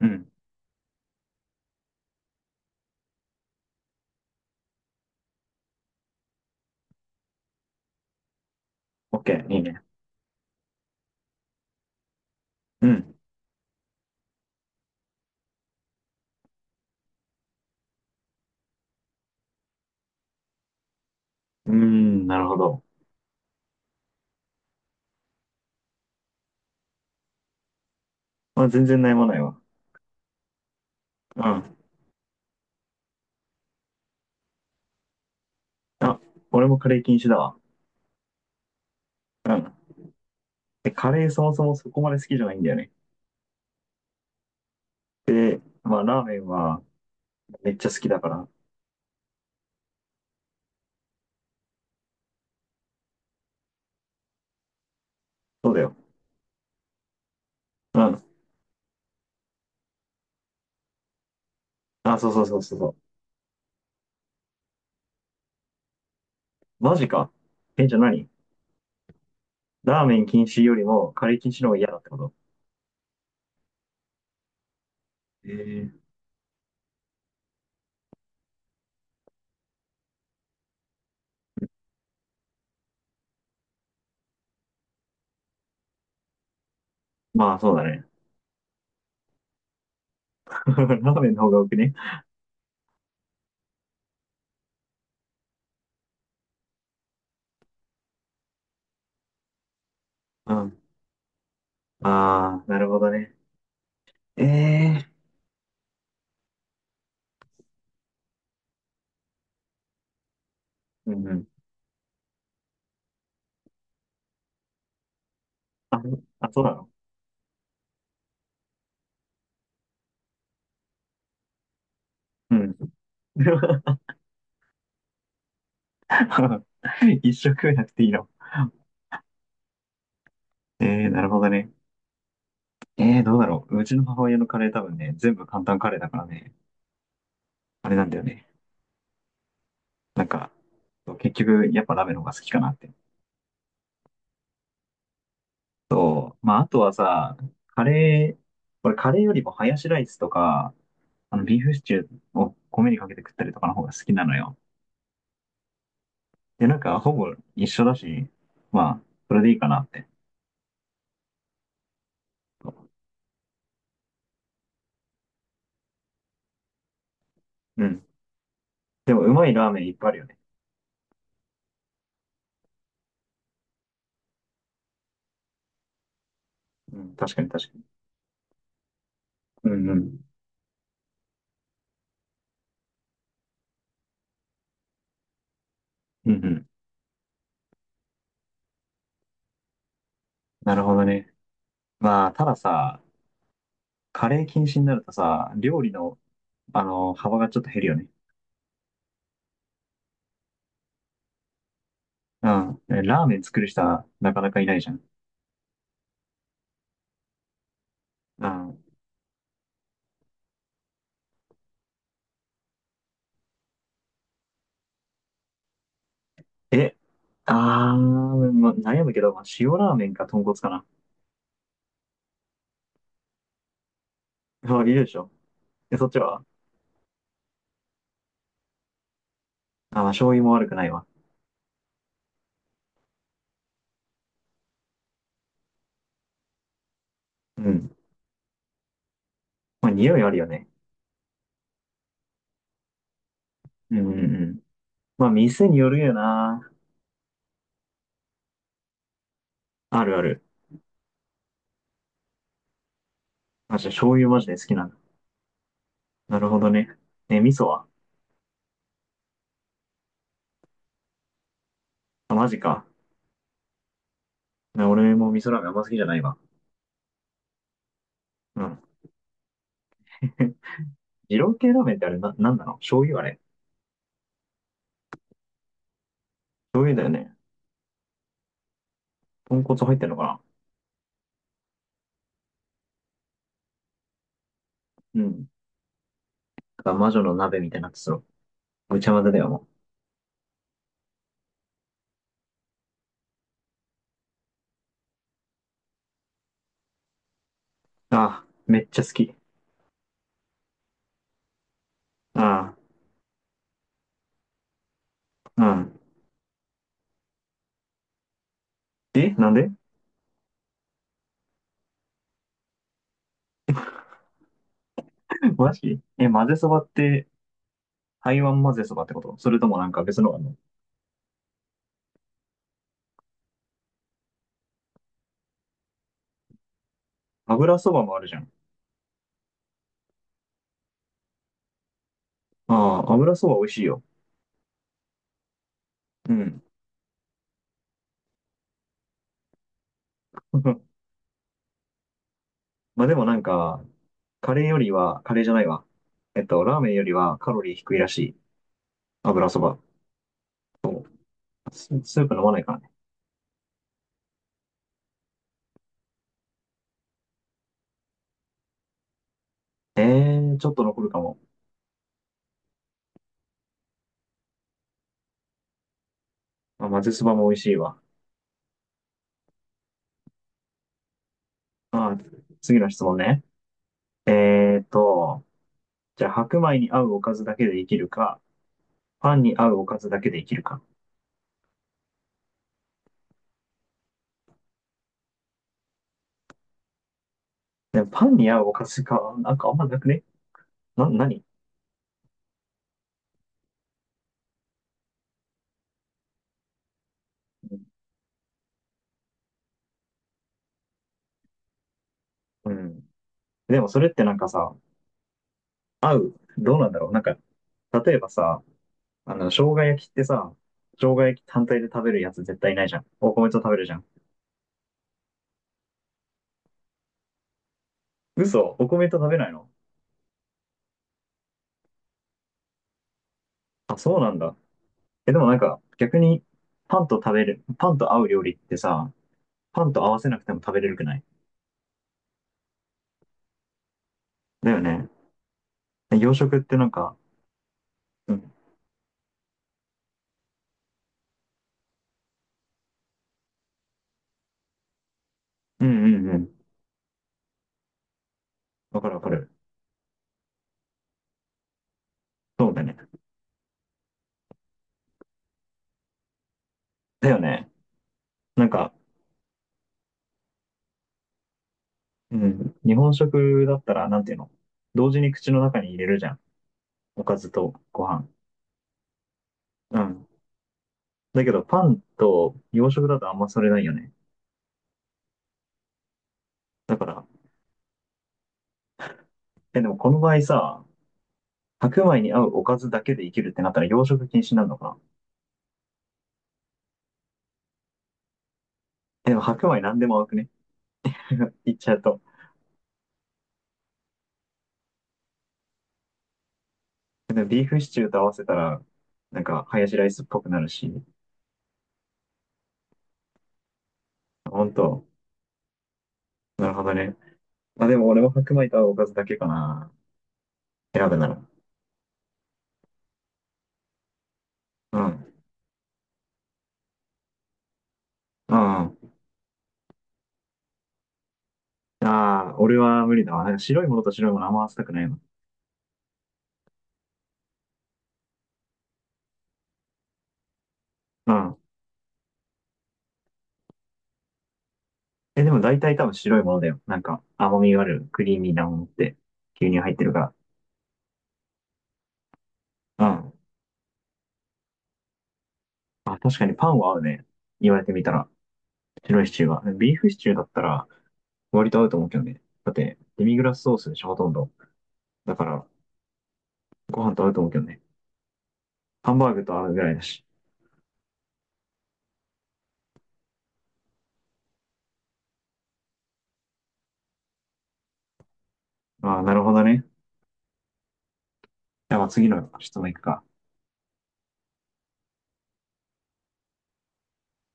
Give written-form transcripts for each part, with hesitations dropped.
うん。オッケー、いいね。うん。うーん、なるほど。まあ、全然悩まないわ。うん。あ、俺もカレー禁止だわ。うん。で、カレーそもそもそこまで好きじゃないんだよね。で、まあ、ラーメンはめっちゃ好きだから。そうだよ。うん。あ、そうそうそうそうそう。マジか。え、じゃあ何？ラーメン禁止よりもカレー禁止の方が嫌だってこと？ええ、まあ、そうだね。ラーメンの方が多くね？うん。ああ、なるほどね。ええー、うんうん。あ、あ、そうなの？うん。一食食えなくていいの？なるほどね。どうだろう。うちの母親のカレー多分ね、全部簡単カレーだからね、あれなんだよね。なんか、そう結局、やっぱラーメンの方が好きかなって。そう。まあ、あとはさ、カレー、俺カレーよりもハヤシライスとか、ビーフシチューを米にかけて食ったりとかの方が好きなのよ。で、なんか、ほぼ一緒だし、まあ、それでいいかなって。うん。でも、うまいラーメンいっぱいあるよね。うん、確かに確かに。うんうん。うんうん。なるほどね。まあ、たださ、カレー禁止になるとさ、料理の、幅がちょっと減るよね。うん。ラーメン作る人はなかなかいないじゃん。うん。え、あー、ま、悩むけど、まあ、塩ラーメンか豚骨かな。まあ、いるでしょ。そっちは？あ、まあ、醤油も悪くないわ。うん。まあ、匂いあるよね。うんうんうん。まあ、店によるよな。あるある。あ、じゃあ醤油マジで好きなんだ。なるほどね。味噌は？あ、マジか。俺も味噌ラーメンあんま好きじゃないわ。うん。二郎系ラーメンってあれな、なんなの？醤油あれ？醤油だよね。豚骨入ってんのかな？うん。だから魔女の鍋みたいになってそう。ぐちゃ混ぜだよ、もう。ああ、めっちゃ好き。ああ、うん。え、なんで？ マジ？混ぜそばって、台湾混ぜそばってこと？それともなんか別のがあるの？油そばもあるじゃん。ああ、油そば美味しいよ。うん。まあでもなんか、カレーよりは、カレーじゃないわ。ラーメンよりはカロリー低いらしい。油そば。スープ飲まないからね。ええー、ちょっと残るかも。まあ、まぜそばも美味しいわ。まあ、次の質問ね。えーと、じゃあ白米に合うおかずだけで生きるか、パンに合うおかずだけで生きるか。でもパンに合うおかずか、なんかあんまなくね？何？うん。でもそれってなんかさ、どうなんだろう。なんか、例えばさ、生姜焼きってさ、生姜焼き単体で食べるやつ絶対いないじゃん。お米と食べるじゃん。嘘、お米と食べないの？あ、そうなんだ。でもなんか、逆に、パンと合う料理ってさ、パンと合わせなくても食べれるくない？だよね。洋食ってなんか、うん、うんうんうん。わかるわかる。そうだよね。だよね。なんか、うん、日本食だったら、なんていうの？同時に口の中に入れるじゃん。おかずとご飯。うん。だけど、パンと洋食だとあんまそれないよね。だから、でもこの場合さ、白米に合うおかずだけで生きるってなったら洋食禁止になるのかな？でも白米なんでも合うくね？言っちゃうと。でもビーフシチューと合わせたら、なんか、ハヤシライスっぽくなるし、ほんと。なるほどね。まあ、でも俺も白米とおかずだけかな。選ぶなら。うん。うん。ああ、俺は無理だわ。なんか白いものと白いものあんま合わせたくないの。うん。でも大体多分白いものだよ。なんか甘みがある、クリーミーなものって、牛乳入ってるから。うん。あ、確かにパンは合うね。言われてみたら。白いシチューは。ビーフシチューだったら割と合うと思うけどね。だって、デミグラスソースでしょ、ほとんど。だから、ご飯と合うと思うけどね。ハンバーグと合うぐらいだし。ああ、なるほどね。じゃあ次の質問いくか。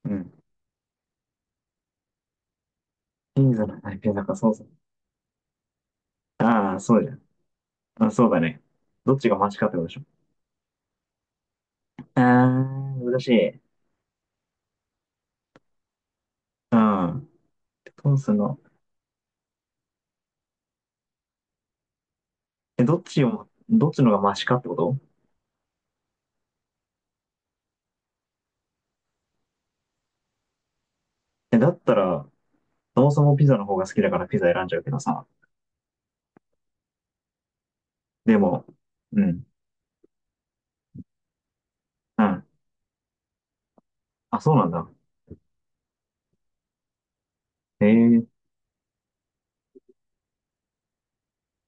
うん。金座の体験だからそうそう。ああ、そうじゃん。まあ、そうだね。どっちがマシかってことでしょ。ああ、難しい。うん。トースの、え、どっちのがマシかってこと？だったら、そもそもピザの方が好きだからピザ選んじゃうけどさ。でも、うん、うん。あ、そうなんだ。ええ、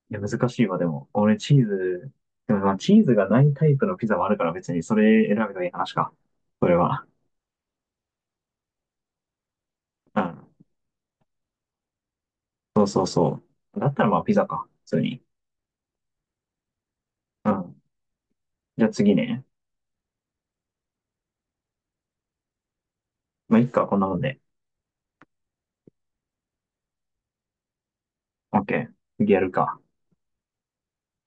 いや、難しいわ、でも。俺、チーズ、でもまあ、チーズがないタイプのピザもあるから別にそれ選べばいい話か。それは。うん。そうそうそう。だったらまあ、ピザか。普通に。うん。じゃあ次ね。まあ、いっか、こんなもんで。オッケー。次やるか。